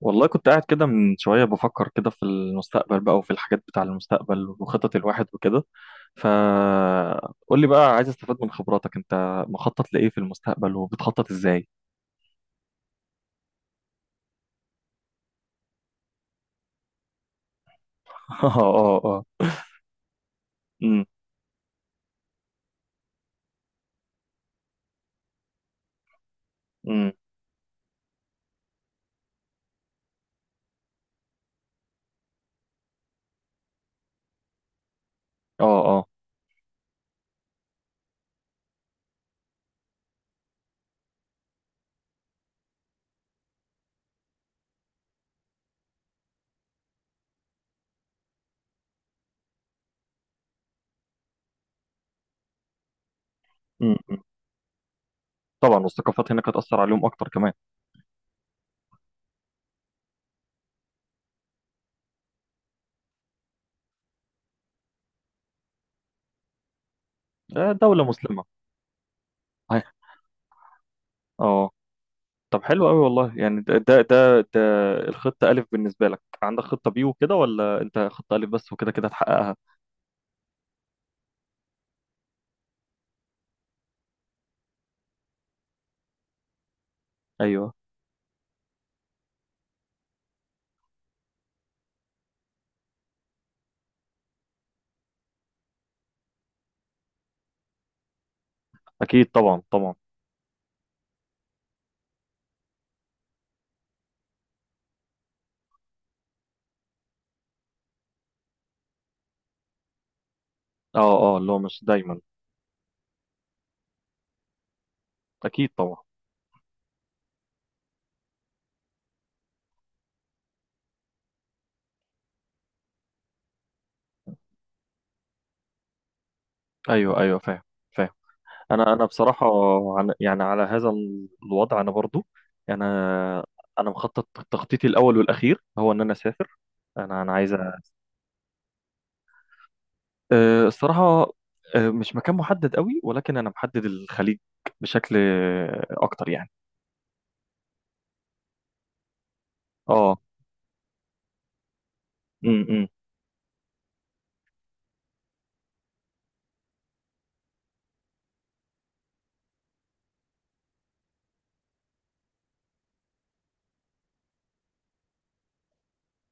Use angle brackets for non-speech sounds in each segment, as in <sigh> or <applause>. والله كنت قاعد كده من شوية بفكر كده في المستقبل بقى، وفي الحاجات بتاع المستقبل وخطط الواحد وكده. فقول لي بقى، عايز استفاد من خبراتك، انت مخطط لإيه في المستقبل وبتخطط ازاي؟ <laughs> اه، اه، اه. امم امم اه اه أمم. طبعا، والثقافات هناك هتأثر عليهم اكتر كمان. آه، دولة مسلمة. أي. اه. طب حلو قوي والله، يعني ده الخطة ألف. بالنسبة لك عندك خطة بي وكده، ولا انت خطة ألف بس وكده كده هتحققها؟ ايوه. اكيد طبعا، طبعا. اه، اه، اللي هو مش دايما. اكيد طبعا. ايوه ايوه، فاهم، فاهم. انا بصراحه، عن يعني على هذا ال- الوضع انا برضو. انا انا مخطط، تخطيطي الاول والاخير هو ان انا اسافر. انا عايز أه، الصراحه، أه، مش مكان محدد قوي، ولكن انا محدد الخليج بشكل أه، اكتر يعني. اه. امم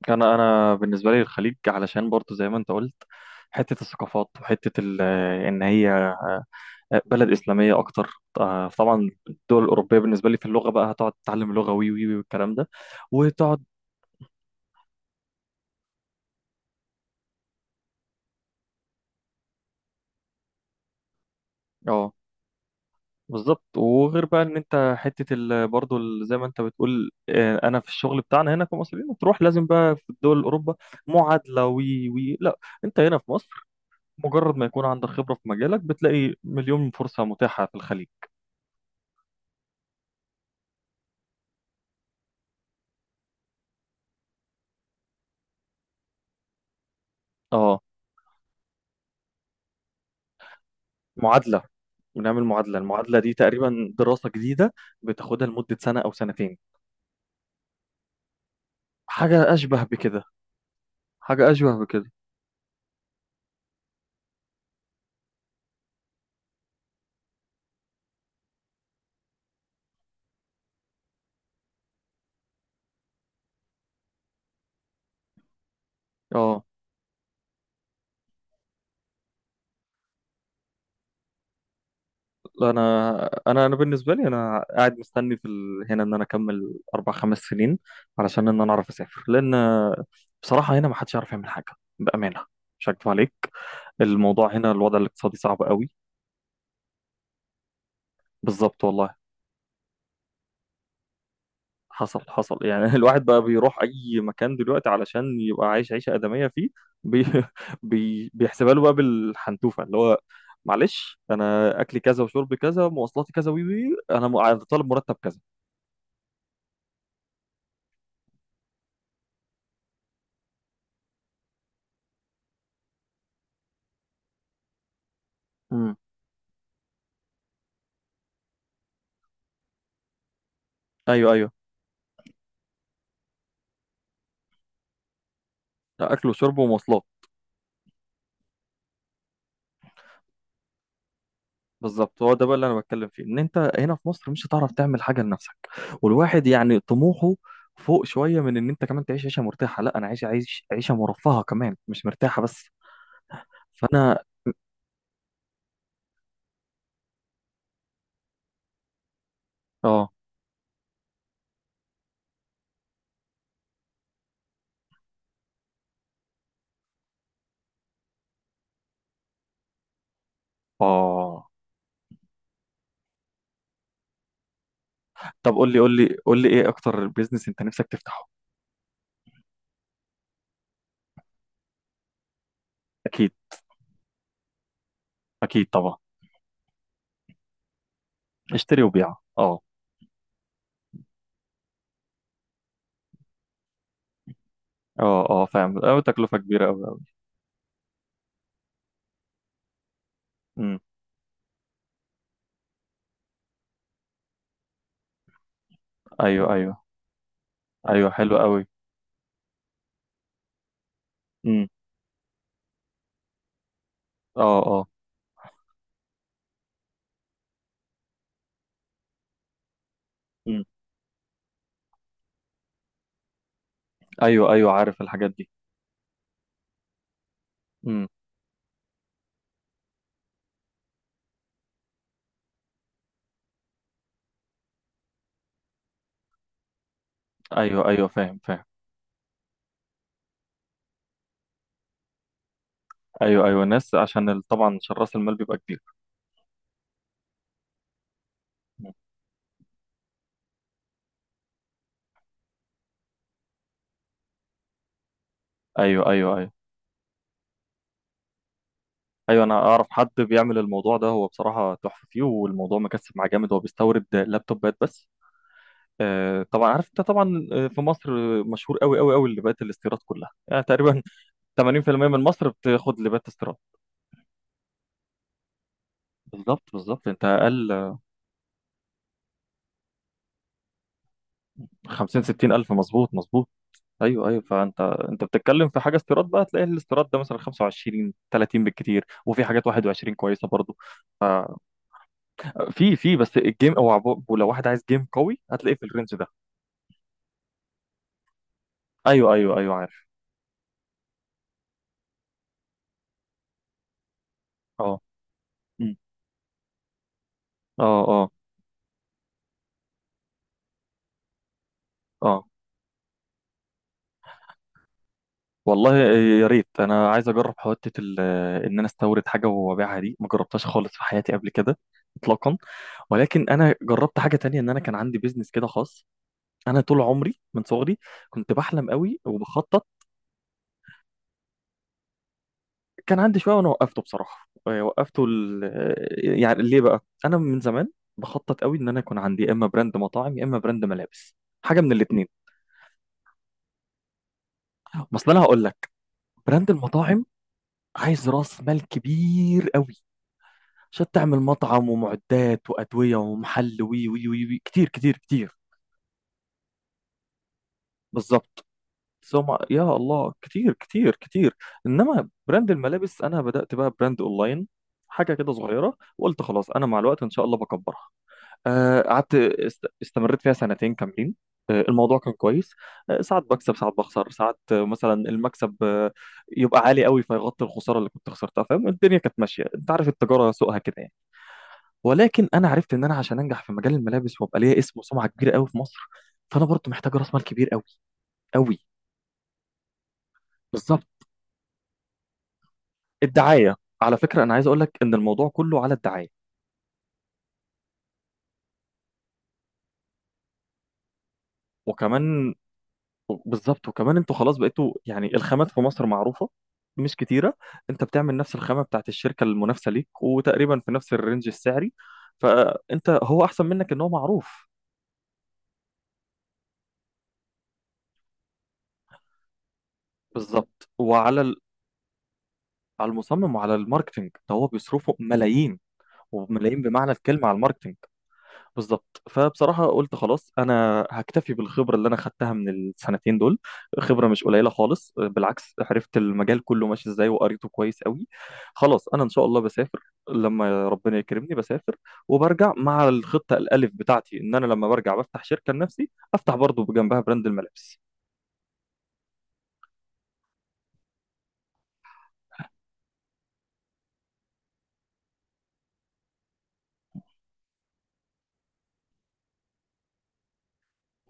انا بالنسبه لي الخليج، علشان برضو زي ما انت قلت، حته الثقافات وحته ال- ان هي بلد اسلاميه اكتر. آه، طبعا الدول الاوروبيه بالنسبه لي في اللغه بقى هتقعد تتعلم لغه وي وي وي والكلام ده وتقعد. اه بالظبط، وغير بقى ان انت حته ال... برضو ال- زي ما انت بتقول آه، انا في الشغل بتاعنا هنا كمصريين تروح لازم بقى في الدول الاوروبا معادله وي وي لا. انت هنا في مصر، مجرد ما يكون عندك خبره في مجالك بتلاقي 1000000 فرصه متاحه في الخليج. اه. معادله، بنعمل معادله. المعادله دي تقريبا دراسه جديده بتاخدها لمده سنه او 2 سنتين. حاجه اشبه بكده. حاجة أشبه بكده. اه. لا، أنا بالنسبة لي أنا قاعد مستني في ال... هنا إن أنا أكمل 4 5 سنين علشان إن أنا أعرف أسافر. لأن بصراحة هنا ما حدش يعرف يعمل حاجة، بأمانة. مش هكدب عليك، الموضوع هنا، الوضع الاقتصادي صعب قوي. بالظبط والله. حصل، حصل يعني. <laughs> الواحد بقى بيروح أي مكان دلوقتي علشان يبقى عايش عيشة آدمية فيه. بي... <laughs> بي... بيحسبها له بقى بالحنتوفة، اللي هو معلش أنا أكلي كذا وشربي كذا، مواصلاتي كذا، وي وي، طالب مرتب كذا. امم ايوه ايوه، ده اكل وشرب ومواصلات. بالظبط، هو ده بقى اللي انا بتكلم فيه، ان انت هنا في مصر مش هتعرف تعمل حاجه لنفسك. والواحد يعني طموحه فوق شويه من ان انت كمان تعيش عيشه مرتاحه، لا انا عايش عيشه مرفهه كمان، مش مرتاحه بس. فانا. اه، اه. طب قول لي ايه اكتر بيزنس انت نفسك تفتحه؟ اكيد، اكيد طبعا. اشتري وبيع، اه. اه، اه فاهم، اه تكلفه كبيره قوي، قوي. امم ايوه ايوه، ايوه حلو قوي. امم اه، اه. امم ايوه ايوه عارف الحاجات دي. مم. ايوه ايوه، فاهم، فاهم. ايوه ايوه، الناس عشان ال- طبعا عشان راس المال بيبقى كبير. مم. ايوه ايوه. ايوه ايوه، انا اعرف حد بيعمل الموضوع ده، هو بصراحه تحفه فيه، والموضوع مكسب معاه جامد، هو بيستورد لابتوبات بس. آه طبعا، عارف انت طبعا. آه، في مصر مشهور قوي قوي قوي لبات الاستيراد كلها يعني تقريبا. <laughs> 80% من مصر بتاخد لبات استيراد. بالظبط بالظبط، انت اقل. 50 60 الف، مظبوط مظبوط. ايوه ايوه، فانت انت بتتكلم في حاجه استيراد بقى تلاقي الاستيراد ده مثلا 25 30 بالكتير، وفي حاجات 21 كويسه برضو. ففي، في في بس الجيم او عبو- ولو واحد عايز جيم قوي هتلاقيه في الرينج ده. ايوه ايوه ايوه عارف. اه. أمم. اه، اه اه. والله يا ريت، انا عايز اجرب حته ال- ان انا استورد حاجه وابيعها، دي ما جربتهاش خالص في حياتي قبل كده، اطلاقا. ولكن انا جربت حاجه تانية، ان انا كان عندي بيزنس كده خاص. انا طول عمري من صغري كنت بحلم قوي وبخطط. كان عندي شويه وانا وقفته بصراحه. آه، وقفته ال... آه، يعني ليه بقى؟ انا من زمان بخطط قوي ان انا يكون عندي يا اما براند مطاعم يا اما براند ملابس، حاجه من الاثنين. اصل انا هقول لك، براند المطاعم عايز راس مال كبير قوي، عشان تعمل مطعم، ومعدات وادويه ومحل، وي وي وي, وي. كتير كتير كتير. بالظبط. سمع يا الله، كتير كتير كتير. انما براند الملابس انا بدات بقى براند اونلاين، حاجه كده صغيره، وقلت خلاص انا مع الوقت ان شاء الله بكبرها. آه، استمريت فيها 2 كاملين. آه، الموضوع كان كويس. آه، ساعات بكسب، ساعات بخسر، ساعات آه، مثلا المكسب آه، يبقى عالي قوي فيغطي الخساره اللي كنت خسرتها. فاهم، الدنيا كانت ماشيه، انت عارف التجاره سوقها كده يعني. ولكن انا عرفت ان انا عشان انجح في مجال الملابس، وابقى ليا اسم وسمعه كبيره قوي في مصر، فانا برضو محتاج راس مال كبير قوي، قوي. بالظبط. الدعايه، على فكره انا عايز اقول لك ان الموضوع كله على الدعايه. وكمان بالظبط، وكمان انتوا خلاص بقيتوا يعني الخامات في مصر معروفة، مش كتيرة. انت بتعمل نفس الخامة بتاعت الشركة المنافسة ليك، وتقريبا في نفس الرينج السعري، فانت هو احسن منك ان هو معروف. بالظبط وعلى ال- على المصمم وعلى الماركتينج، ده هو بيصرفوا ملايين وملايين بمعنى الكلمة على الماركتينج. بالظبط. فبصراحة قلت خلاص أنا هكتفي بالخبرة اللي أنا خدتها من ال2 دول، خبرة مش قليلة خالص، بالعكس عرفت المجال كله ماشي إزاي وقريته كويس قوي. خلاص أنا إن شاء الله بسافر، لما ربنا يكرمني بسافر، وبرجع مع الخطة الألف بتاعتي إن أنا لما برجع بفتح شركة لنفسي، أفتح برضه بجنبها براند الملابس.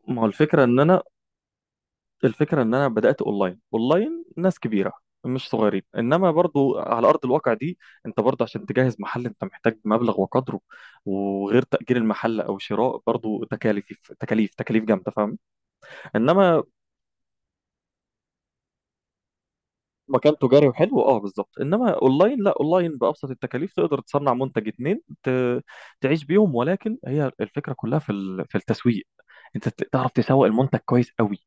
ما هو الفكرة إن أنا، الفكرة إن أنا بدأت أونلاين، أونلاين ناس كبيرة، مش صغيرين، إنما برضو على أرض الواقع دي أنت برضو عشان تجهز محل أنت محتاج مبلغ وقدره، وغير تأجير المحل أو شراء، برضو تكاليف تكاليف تكاليف جامدة فاهم. إنما مكان تجاري وحلو أه بالظبط، إنما أونلاين لا، أونلاين بأبسط التكاليف تقدر تصنع منتج اتنين ت... تعيش بيهم. ولكن هي الفكرة كلها في ال... في التسويق، تعرف تسوق المنتج كويس قوي.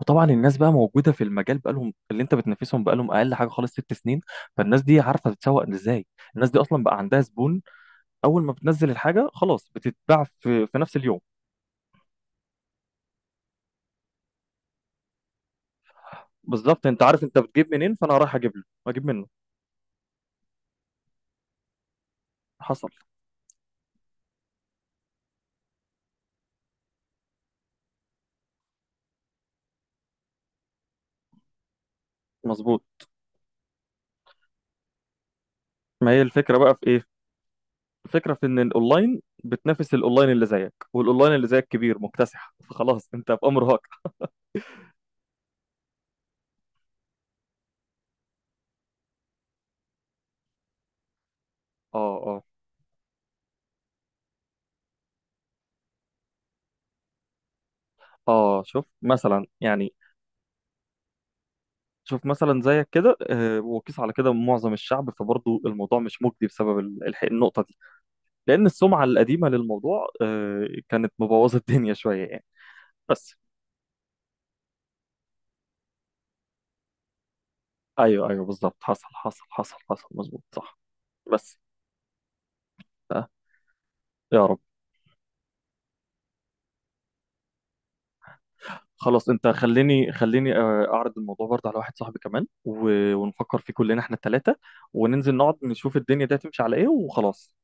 وطبعا الناس بقى موجوده في المجال، بقالهم اللي انت بتنافسهم بقالهم اقل حاجه خالص 6 سنين، فالناس دي عارفه تتسوق ازاي. الناس دي اصلا بقى عندها زبون، اول ما بتنزل الحاجه خلاص بتتباع في نفس اليوم. بالظبط، انت عارف انت بتجيب منين، فانا رايح اجيب له اجيب منه. حصل، مظبوط. ما هي الفكره بقى في ايه؟ الفكره في ان الاونلاين بتنافس الاونلاين اللي زيك، والاونلاين اللي زيك كبير مكتسح، فخلاص انت في امر واقع. اه، اه، اه. شوف مثلا يعني، شوف مثلا زيك كده آه، وقيس على كده معظم الشعب، فبرضه الموضوع مش مجدي بسبب ال- الح- النقطة دي، لأن السمعة القديمة للموضوع آه، كانت مبوظة الدنيا شوية يعني. بس أيوه أيوه بالظبط، حصل، مظبوط صح. بس آه، يا رب. خلاص أنت خليني، خليني آه، أعرض الموضوع برضه على واحد صاحبي كمان، ونفكر فيه كلنا إحنا التلاتة، وننزل نقعد نشوف الدنيا دي هتمشي على إيه وخلاص.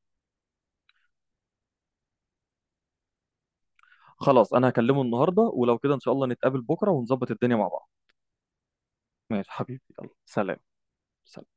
خلاص أنا هكلمه النهاردة، ولو كده إن شاء الله نتقابل بكرة ونظبط الدنيا مع بعض. ماشي حبيبي، يلا سلام. سلام.